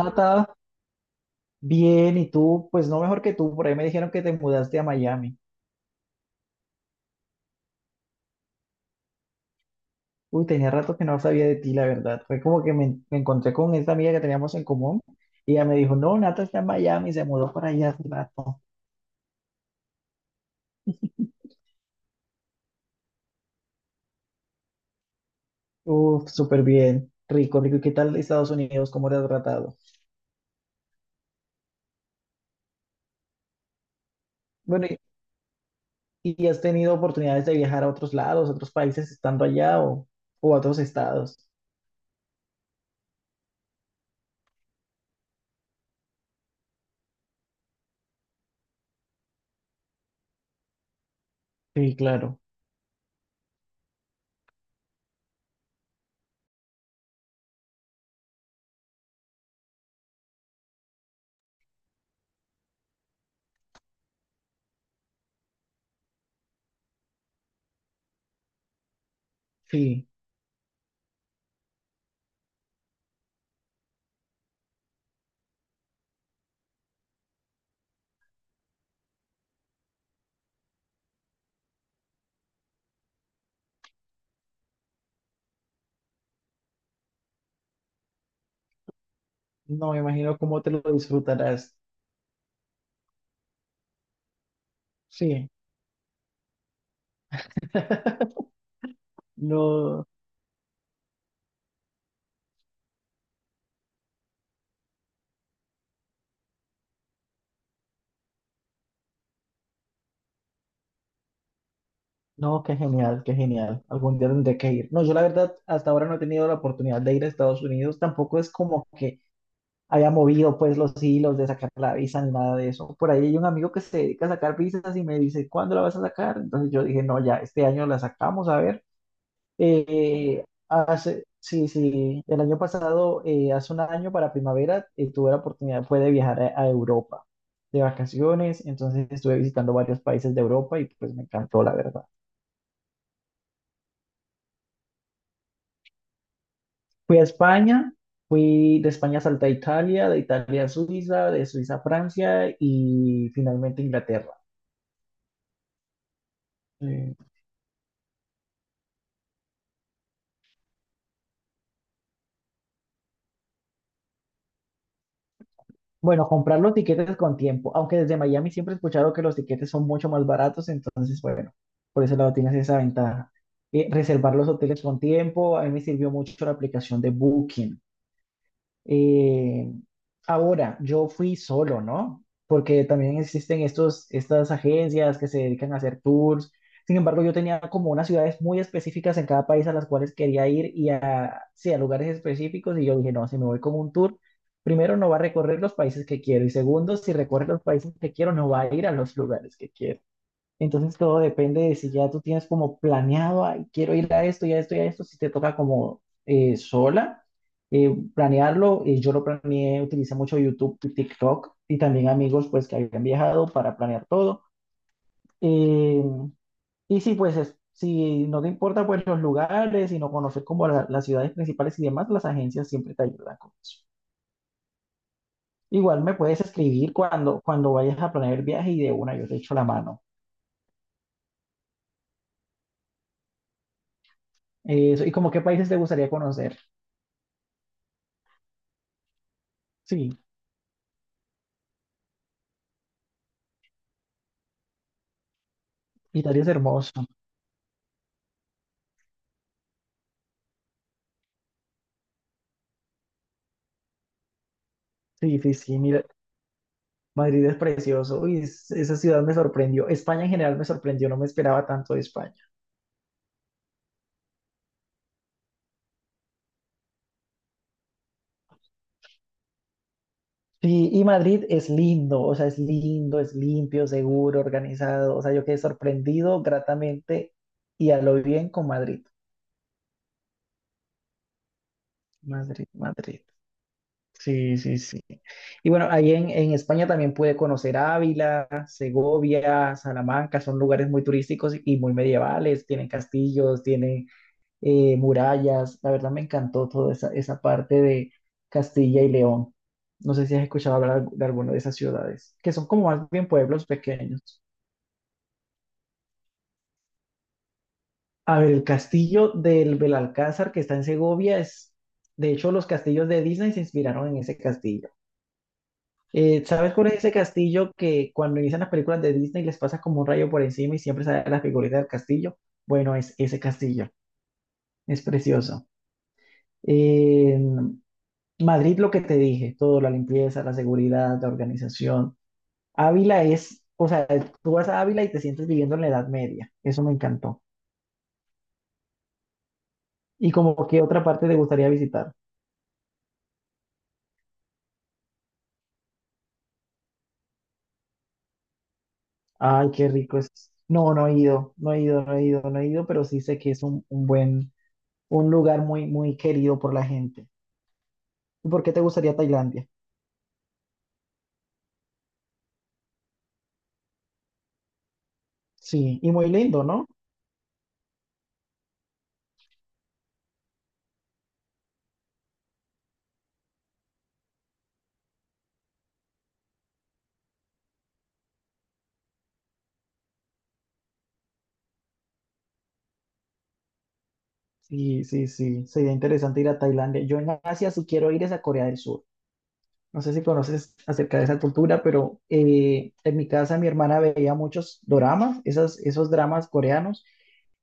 Nata, bien, y tú, pues no mejor que tú, por ahí me dijeron que te mudaste a Miami. Uy, tenía rato que no sabía de ti, la verdad. Fue como que me encontré con esta amiga que teníamos en común y ella me dijo, no, Nata está en Miami, se mudó para allá hace rato. Uf, súper bien, rico, rico. ¿Y qué tal Estados Unidos? ¿Cómo te ha tratado? Bueno, ¿y has tenido oportunidades de viajar a otros lados, a otros países estando allá o a otros estados? Sí, claro, sí. No, me imagino cómo te lo disfrutarás. Sí. No. No, qué genial, qué genial. Algún día tendré que ir. No, yo la verdad hasta ahora no he tenido la oportunidad de ir a Estados Unidos. Tampoco es como que haya movido pues los hilos de sacar la visa ni nada de eso. Por ahí hay un amigo que se dedica a sacar visas y me dice, ¿cuándo la vas a sacar? Entonces yo dije, no, ya, este año la sacamos, a ver. Hace, sí, sí, el año pasado, hace un año para primavera, tuve la oportunidad, fue de viajar a Europa de vacaciones. Entonces estuve visitando varios países de Europa y pues me encantó, la verdad. Fui a España, fui de España salté a Italia, de Italia a Suiza, de Suiza a Francia y finalmente Inglaterra. Eh, bueno, comprar los tiquetes con tiempo, aunque desde Miami siempre he escuchado que los tiquetes son mucho más baratos, entonces bueno, por ese lado tienes esa ventaja. Reservar los hoteles con tiempo, a mí me sirvió mucho la aplicación de Booking. Eh, ahora, yo fui solo, ¿no? Porque también existen estas agencias que se dedican a hacer tours. Sin embargo, yo tenía como unas ciudades muy específicas en cada país a las cuales quería ir y a, sí, a lugares específicos. Y yo dije, no, si me voy con un tour, primero no va a recorrer los países que quiero y segundo, si recorre los países que quiero, no va a ir a los lugares que quiero. Entonces todo depende de si ya tú tienes como planeado, "Ay, quiero ir a esto y a esto y a esto", si te toca como sola planearlo. Yo lo planeé, utilicé mucho YouTube y TikTok y también amigos pues que habían viajado para planear todo. Eh, y sí, pues si no te importa pues los lugares, sino conocer como las ciudades principales y demás, las agencias siempre te ayudan con eso. Igual me puedes escribir cuando vayas a planear el viaje y de una yo te echo la mano. Y como qué países te gustaría conocer. Sí. Italia es hermoso. Sí, sí, sí, mira, Madrid es precioso. Uy, esa ciudad me sorprendió. España en general me sorprendió, no me esperaba tanto de España. Sí, y Madrid es lindo, o sea, es lindo, es limpio, seguro, organizado. O sea, yo quedé sorprendido gratamente y a lo bien con Madrid. Madrid, Madrid. Sí, sí, sí. Y bueno, ahí en España también pude conocer Ávila, Segovia, Salamanca, son lugares muy turísticos y muy medievales, tienen castillos, tienen murallas. La verdad me encantó toda esa parte de Castilla y León. No sé si has escuchado hablar de alguna de esas ciudades, que son como más bien pueblos pequeños. A ver, el castillo del Belalcázar que está en Segovia es, de hecho, los castillos de Disney se inspiraron en ese castillo. ¿Sabes cuál es ese castillo que cuando inician las películas de Disney les pasa como un rayo por encima y siempre sale la figurita del castillo? Bueno, es ese castillo, es precioso. Eh, Madrid, lo que te dije, todo, la limpieza, la seguridad, la organización. Ávila es, o sea, tú vas a Ávila y te sientes viviendo en la Edad Media. Eso me encantó. ¿Y como qué otra parte te gustaría visitar? Ay, qué rico es. No, no he ido, no he ido, no he ido, no he ido, pero sí sé que es un buen, un lugar muy, muy querido por la gente. ¿Y por qué te gustaría Tailandia? Sí, y muy lindo, ¿no? Sí, sí, sí, sería interesante ir a Tailandia. Yo en Asia sí quiero ir es a Corea del Sur. No sé si conoces acerca de esa cultura, pero en mi casa mi hermana veía muchos doramas, esos dramas coreanos,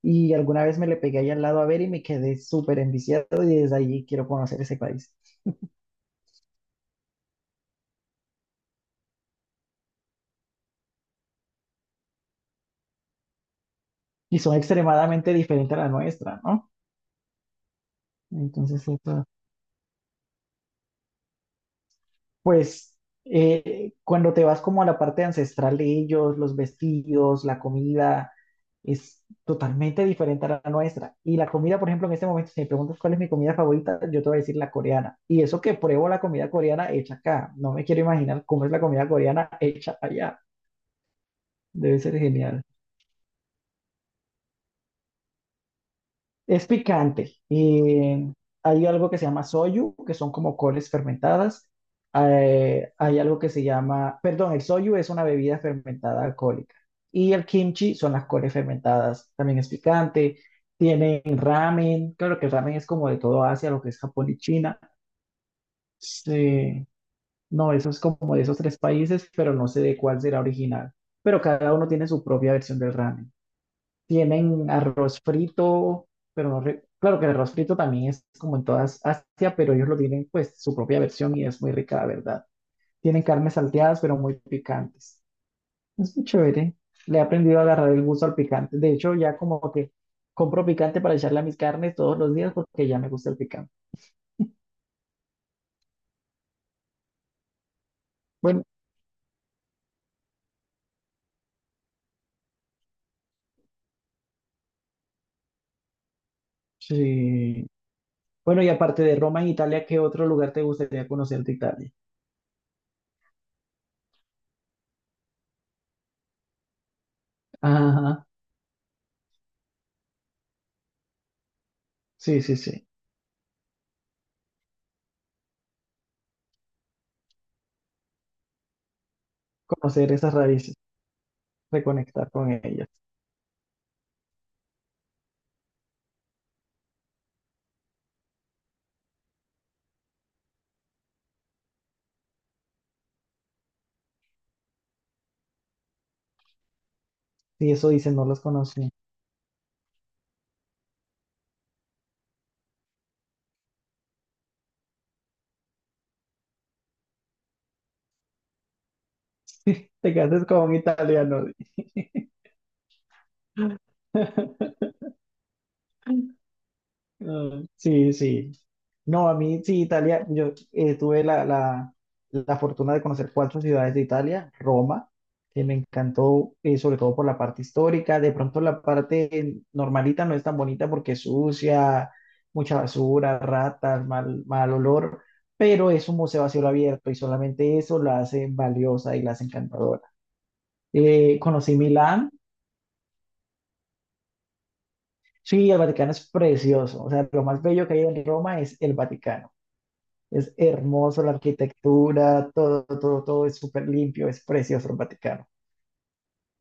y alguna vez me le pegué ahí al lado a ver y me quedé súper enviciado y desde allí quiero conocer ese país. Y son extremadamente diferentes a la nuestra, ¿no? Entonces, eso. Pues cuando te vas como a la parte ancestral de ellos, los vestidos, la comida, es totalmente diferente a la nuestra. Y la comida, por ejemplo, en este momento, si me preguntas cuál es mi comida favorita, yo te voy a decir la coreana. Y eso que pruebo la comida coreana hecha acá. No me quiero imaginar cómo es la comida coreana hecha allá. Debe ser genial. Es picante. Y hay algo que se llama soyu, que son como coles fermentadas. Hay algo que se llama, perdón, el soyu es una bebida fermentada alcohólica. Y el kimchi son las coles fermentadas. También es picante. Tienen ramen. Claro que el ramen es como de todo Asia, lo que es Japón y China. Sí. No, eso es como de esos tres países, pero no sé de cuál será original. Pero cada uno tiene su propia versión del ramen. Tienen arroz frito, pero no re- claro que el arroz frito también es como en todas Asia, pero ellos lo tienen pues su propia versión y es muy rica, la verdad. Tienen carnes salteadas, pero muy picantes. Es muy chévere. Le he aprendido a agarrar el gusto al picante. De hecho, ya como que compro picante para echarle a mis carnes todos los días porque ya me gusta el picante. Bueno, sí. Bueno, y aparte de Roma en Italia, ¿qué otro lugar te gustaría conocer de Italia? Ajá, sí, sí, sí. Conocer esas raíces, reconectar con ellas. Y eso dice, no los conocí. Te quedaste como un italiano. Ah, sí, sí. No, a mí sí, Italia, yo tuve la fortuna de conocer cuatro ciudades de Italia, Roma, que me encantó, sobre todo por la parte histórica, de pronto la parte normalita no es tan bonita porque es sucia, mucha basura, ratas, mal, mal olor, pero es un museo a cielo abierto y solamente eso la hace valiosa y la hace encantadora. Conocí Milán. Sí, el Vaticano es precioso. O sea, lo más bello que hay en Roma es el Vaticano. Es hermoso la arquitectura, todo, todo, todo es súper limpio, es precioso el Vaticano.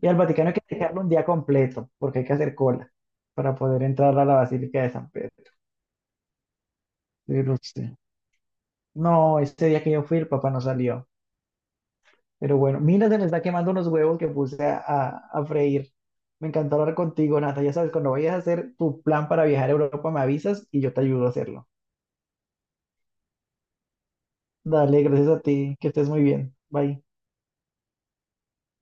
Y al Vaticano hay que dejarlo un día completo, porque hay que hacer cola para poder entrar a la Basílica de San Pedro. Pero sí. No, este día que yo fui, el papá no salió. Pero bueno, mira, se me está quemando unos huevos que puse a freír. Me encantó hablar contigo, Nata. Ya sabes, cuando vayas a hacer tu plan para viajar a Europa, me avisas y yo te ayudo a hacerlo. Dale, gracias a ti, que estés muy bien. Bye.